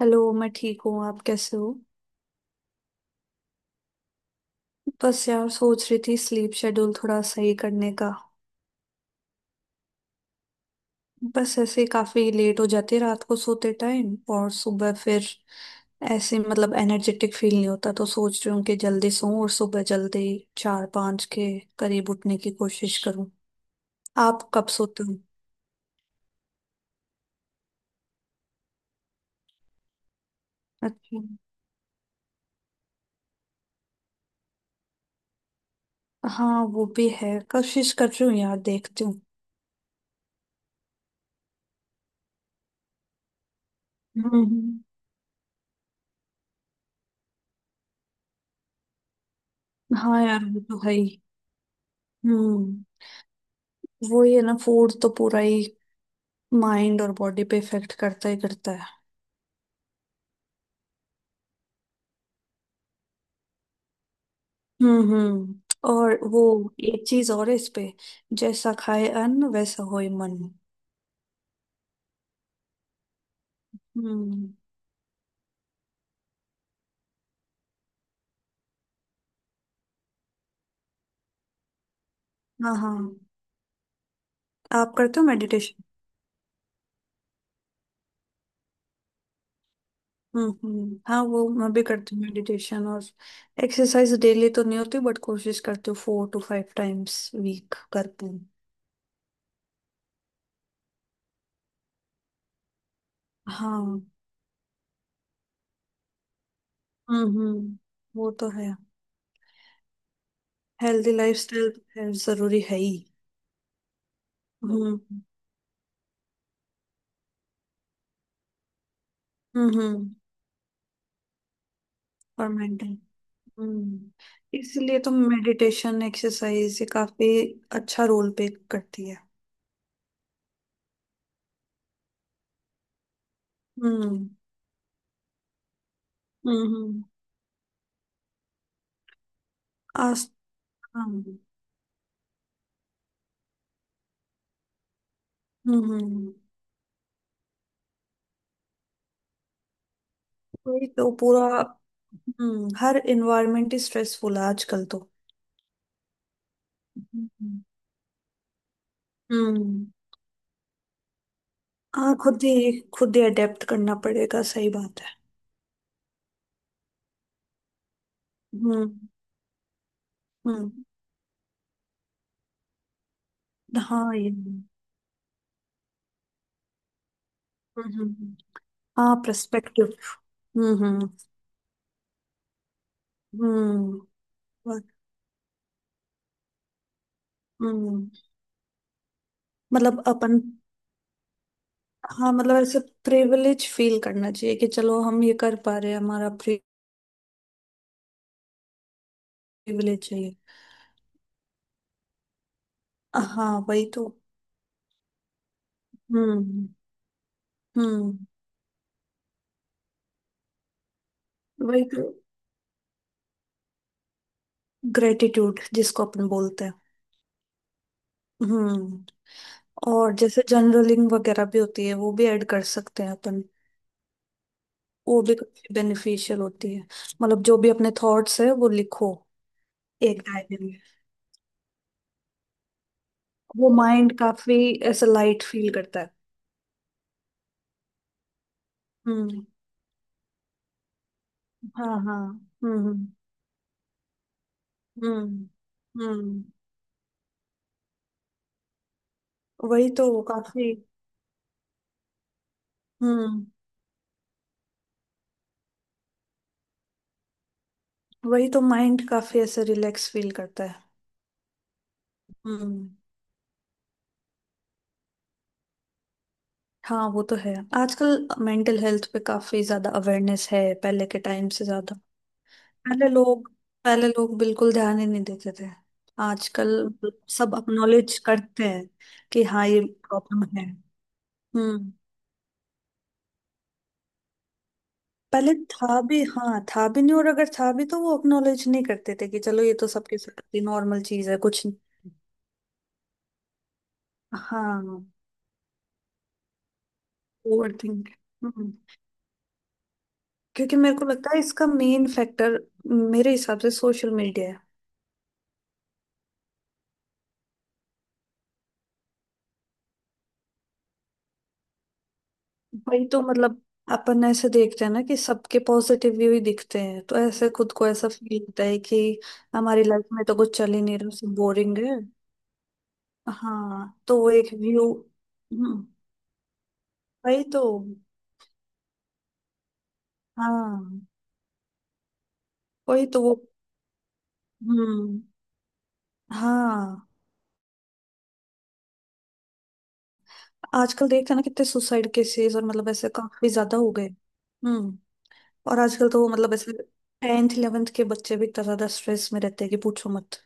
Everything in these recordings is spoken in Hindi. हेलो। मैं ठीक हूँ। आप कैसे हो? बस यार, सोच रही थी स्लीप शेड्यूल थोड़ा सही करने का। बस ऐसे ही काफी लेट हो जाती है रात को सोते टाइम, और सुबह फिर ऐसे मतलब एनर्जेटिक फील नहीं होता। तो सोच रही हूँ कि जल्दी सोऊं और सुबह जल्दी 4-5 के करीब उठने की कोशिश करूँ। आप कब सोते हो? अच्छा। हाँ वो भी है, कोशिश कर रही हूँ यार, देखती हूँ। हम्म। हाँ यार, वो तो है ही। हम्म। वही है ना, फूड तो पूरा ही माइंड और बॉडी पे इफेक्ट करता ही करता है। हम्म, हम्म। और वो एक चीज और है इस पे — जैसा खाए अन्न वैसा होए मन। हम्म। हाँ, हाँ। आप करते हो मेडिटेशन? हम्म, हम्म। हाँ वो मैं भी करती हूँ मेडिटेशन। और एक्सरसाइज डेली तो नहीं होती बट कोशिश करती हूँ 4 to 5 टाइम्स वीक करती हूँ। हाँ। हम्म, हम्म। वो तो है। हेल्दी लाइफस्टाइल जरूरी है ही। हम्म, हम्म। हम्म। और मेंटेन। हम्म। इसलिए तो मेडिटेशन एक्सरसाइज ये काफी अच्छा रोल प्ले करती है। हम्म, हम्म। आस्था। हम्म, हम्म, वही तो पूरा। हम्म। हर इन्वायरमेंट ही स्ट्रेसफुल है आजकल तो। हम्म। हम्म। हाँ, खुद ही अडेप्ट करना पड़ेगा। सही बात है। हम्म। हम्म। हाँ ये। हम्म। हम्म, हम्म। हाँ, प्रस्पेक्टिव। हम्म, हम्म। हम्म, हम्म। मतलब अपन। हाँ मतलब ऐसे प्रिविलेज फील करना चाहिए कि चलो हम ये कर पा रहे हैं, हमारा। प्रिविलेज है ये। हाँ, वही तो। हम्म, हम्म। वही तो, ग्रेटिट्यूड जिसको अपन बोलते हैं। हम्म। और जैसे जर्नलिंग वगैरह भी होती है, वो भी ऐड कर सकते हैं अपन। वो भी काफी बेनिफिशियल होती है। मतलब जो भी अपने थॉट्स है वो लिखो। एक डायरी में। वो माइंड काफी ऐसा लाइट फील करता है। हम्म। हाँ, हाँ। हम्म, हम्म, हम्म। वही तो काफी। हम्म। वही तो माइंड काफी ऐसे रिलैक्स फील करता है। हम्म। हाँ वो तो है। आजकल मेंटल हेल्थ पे काफी ज्यादा अवेयरनेस है पहले के टाइम से ज्यादा। पहले लोग पहले लोग बिल्कुल ध्यान ही नहीं देते थे। आजकल सब अक्नॉलेज करते हैं कि हाँ ये प्रॉब्लम है। हम्म। पहले था भी, हाँ, था भी नहीं, और अगर था भी तो वो अक्नॉलेज नहीं करते थे कि चलो ये तो सबके साथ ही नॉर्मल चीज है, कुछ नहीं। हाँ। Over think. क्योंकि मेरे को लगता है इसका मेन फैक्टर, मेरे हिसाब से सोशल मीडिया है। वही तो मतलब, अपन ऐसे देखते हैं ना कि सबके पॉजिटिव व्यू ही दिखते हैं, तो ऐसे खुद को ऐसा फील होता है कि हमारी लाइफ में तो कुछ चल ही नहीं रहा, सब बोरिंग है। हाँ, तो वो एक व्यू। हम्म। वही तो। हाँ, वही तो वो। हम्म। हाँ। आजकल देखते हैं ना कितने सुसाइड केसेस, और मतलब ऐसे काफी ज्यादा हो गए। हम्म। और आजकल तो वो मतलब ऐसे टेंथ इलेवेंथ के बच्चे भी इतना ज्यादा स्ट्रेस में रहते हैं कि पूछो मत।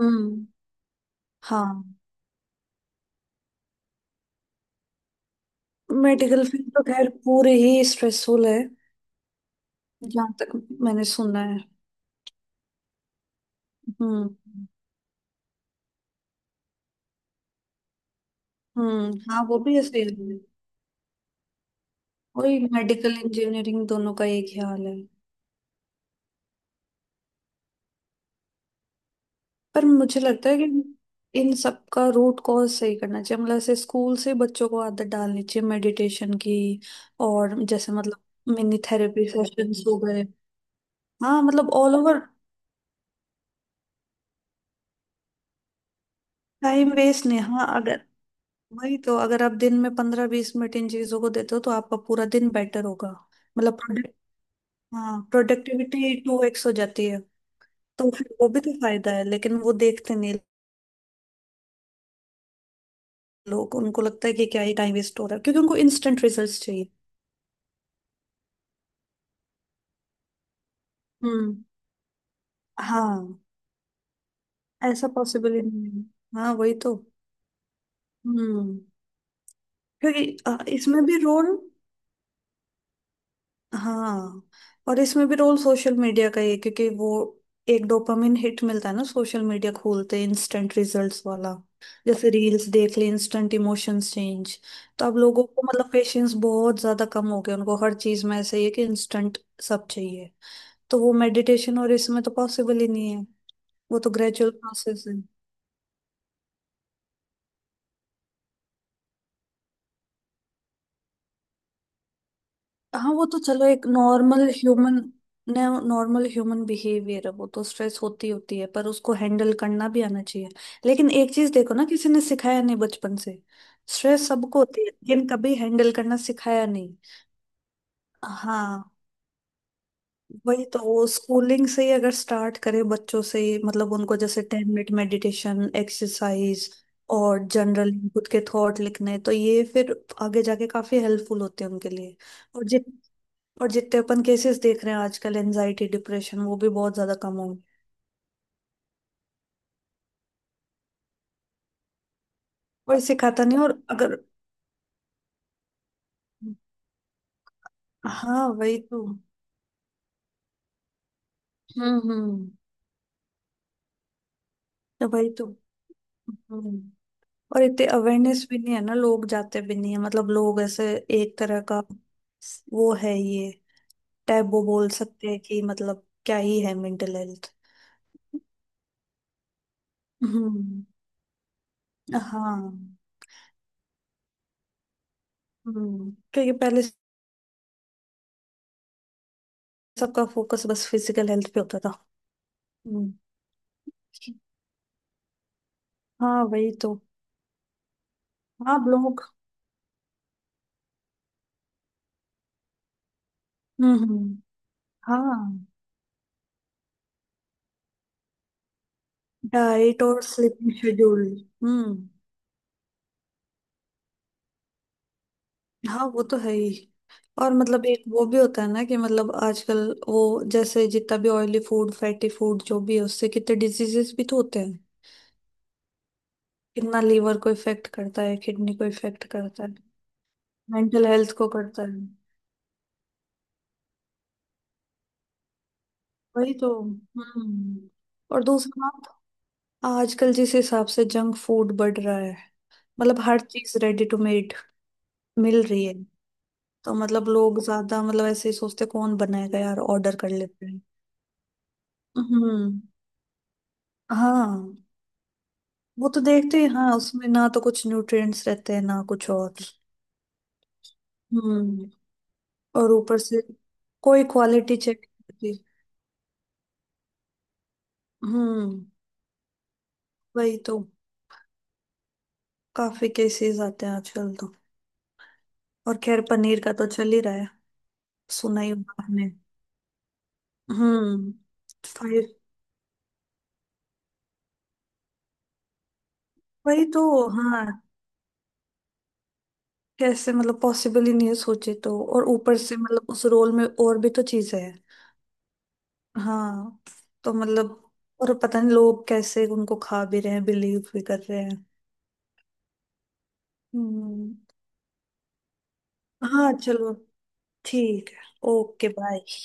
हम्म। हाँ मेडिकल फील्ड तो खैर पूरे ही स्ट्रेसफुल है। जहाँ तक मैंने सुना है। हम्म। हम्म। हाँ वो भी ऐसे ही है। वही, मेडिकल इंजीनियरिंग दोनों का एक ही हाल है। पर मुझे लगता है कि इन सब का रूट कॉज सही करना चाहिए। मतलब ऐसे स्कूल से बच्चों को आदत डालनी चाहिए मेडिटेशन की। और जैसे मतलब मिनी थेरेपी सेशंस हो गए। हाँ मतलब ऑल ओवर। टाइम वेस्ट नहीं। हाँ अगर। वही तो, अगर आप दिन में 15-20 मिनट इन चीजों को देते हो तो आपका पूरा दिन बेटर होगा। मतलब प्रोडक्ट। हाँ प्रोडक्टिविटी 2x हो जाती है। तो फिर वो भी तो फायदा है, लेकिन वो देखते नहीं। लोग, उनको लगता है कि क्या ही टाइम वेस्ट हो रहा है, क्योंकि उनको इंस्टेंट रिजल्ट्स चाहिए। हम्म। हाँ। ऐसा पॉसिबल ही नहीं है। हाँ वही तो। हम्म। क्योंकि इसमें भी रोल। हाँ। और इसमें भी रोल सोशल मीडिया का ही है क्योंकि वो एक डोपामिन हिट मिलता है ना सोशल मीडिया खोलते, इंस्टेंट रिजल्ट्स वाला। जैसे रील्स देख ले, इंस्टेंट इमोशंस चेंज। तो अब लोगों को मतलब पेशेंस बहुत ज्यादा कम हो गया। उनको हर चीज में ऐसे ही है कि इंस्टेंट सब चाहिए। तो वो मेडिटेशन और इसमें तो पॉसिबल ही नहीं है। वो तो ग्रेजुअल प्रोसेस है। हाँ वो तो चलो, एक नॉर्मल ह्यूमन बिहेवियर है। वो तो स्ट्रेस होती होती है, पर उसको हैंडल करना भी आना चाहिए। लेकिन एक चीज देखो ना, किसी ने सिखाया नहीं बचपन से। स्ट्रेस सबको होती है लेकिन कभी हैंडल करना सिखाया नहीं। हाँ वही तो, वो स्कूलिंग से ही अगर स्टार्ट करे बच्चों से ही, मतलब उनको जैसे 10 मिनट मेडिटेशन एक्सरसाइज। और जनरल खुद के थॉट लिखने, तो ये फिर आगे जाके काफी हेल्पफुल होते हैं उनके लिए। और और जितने अपन केसेस देख रहे हैं आजकल एनजाइटी डिप्रेशन, वो भी बहुत ज्यादा कम हो गए। कोई सिखाता नहीं, और अगर। हाँ वही तो। हम्म, हम्म। तो वही तो। हम्म। और इतने अवेयरनेस भी नहीं है ना, लोग जाते भी नहीं है, मतलब लोग ऐसे। एक तरह का। वो है ये। टैबू बोल सकते हैं कि मतलब क्या ही है मेंटल हेल्थ। हम्म। हाँ। हम्म। क्योंकि पहले सबका फोकस बस फिजिकल हेल्थ पे होता था। हम्म। हाँ वही तो। हाँ अब लोग। हम्म, हम्म। हाँ, डाइट और स्लीपिंग शेड्यूल। हम्म। हाँ वो तो है ही। और मतलब एक वो भी होता है ना कि मतलब आजकल, वो जैसे जितना भी ऑयली फूड फैटी फूड जो भी है, उससे कितने डिजीजेस भी तो होते हैं। कितना लीवर को इफेक्ट करता है, किडनी को इफेक्ट करता है, मेंटल हेल्थ को करता है। वही तो। हम्म। और दूसरी बात, आजकल जिस हिसाब से जंक फूड बढ़ रहा है। मतलब हर चीज रेडी टू मेड मिल रही है। तो मतलब लोग ज्यादा, मतलब ऐसे ही सोचते कौन बनाएगा यार, ऑर्डर कर लेते हैं। हम्म। हाँ वो तो देखते हैं, हाँ उसमें ना तो कुछ न्यूट्रिएंट्स रहते हैं ना कुछ और। हम्म। और ऊपर से कोई क्वालिटी चेक। हम्म। वही तो। काफी केसेस आते हैं आजकल तो। और खैर पनीर का तो चल ही रहा है, सुना ही होगा आपने। हम्म। फाइव। वही तो। हाँ कैसे, मतलब पॉसिबल ही नहीं है सोचे तो, और ऊपर से मतलब उस रोल में और भी तो चीजें हैं। हाँ तो मतलब। और पता नहीं लोग कैसे उनको खा भी रहे हैं, बिलीव भी कर रहे हैं। हम्म। हाँ चलो, ठीक है। Okay, bye.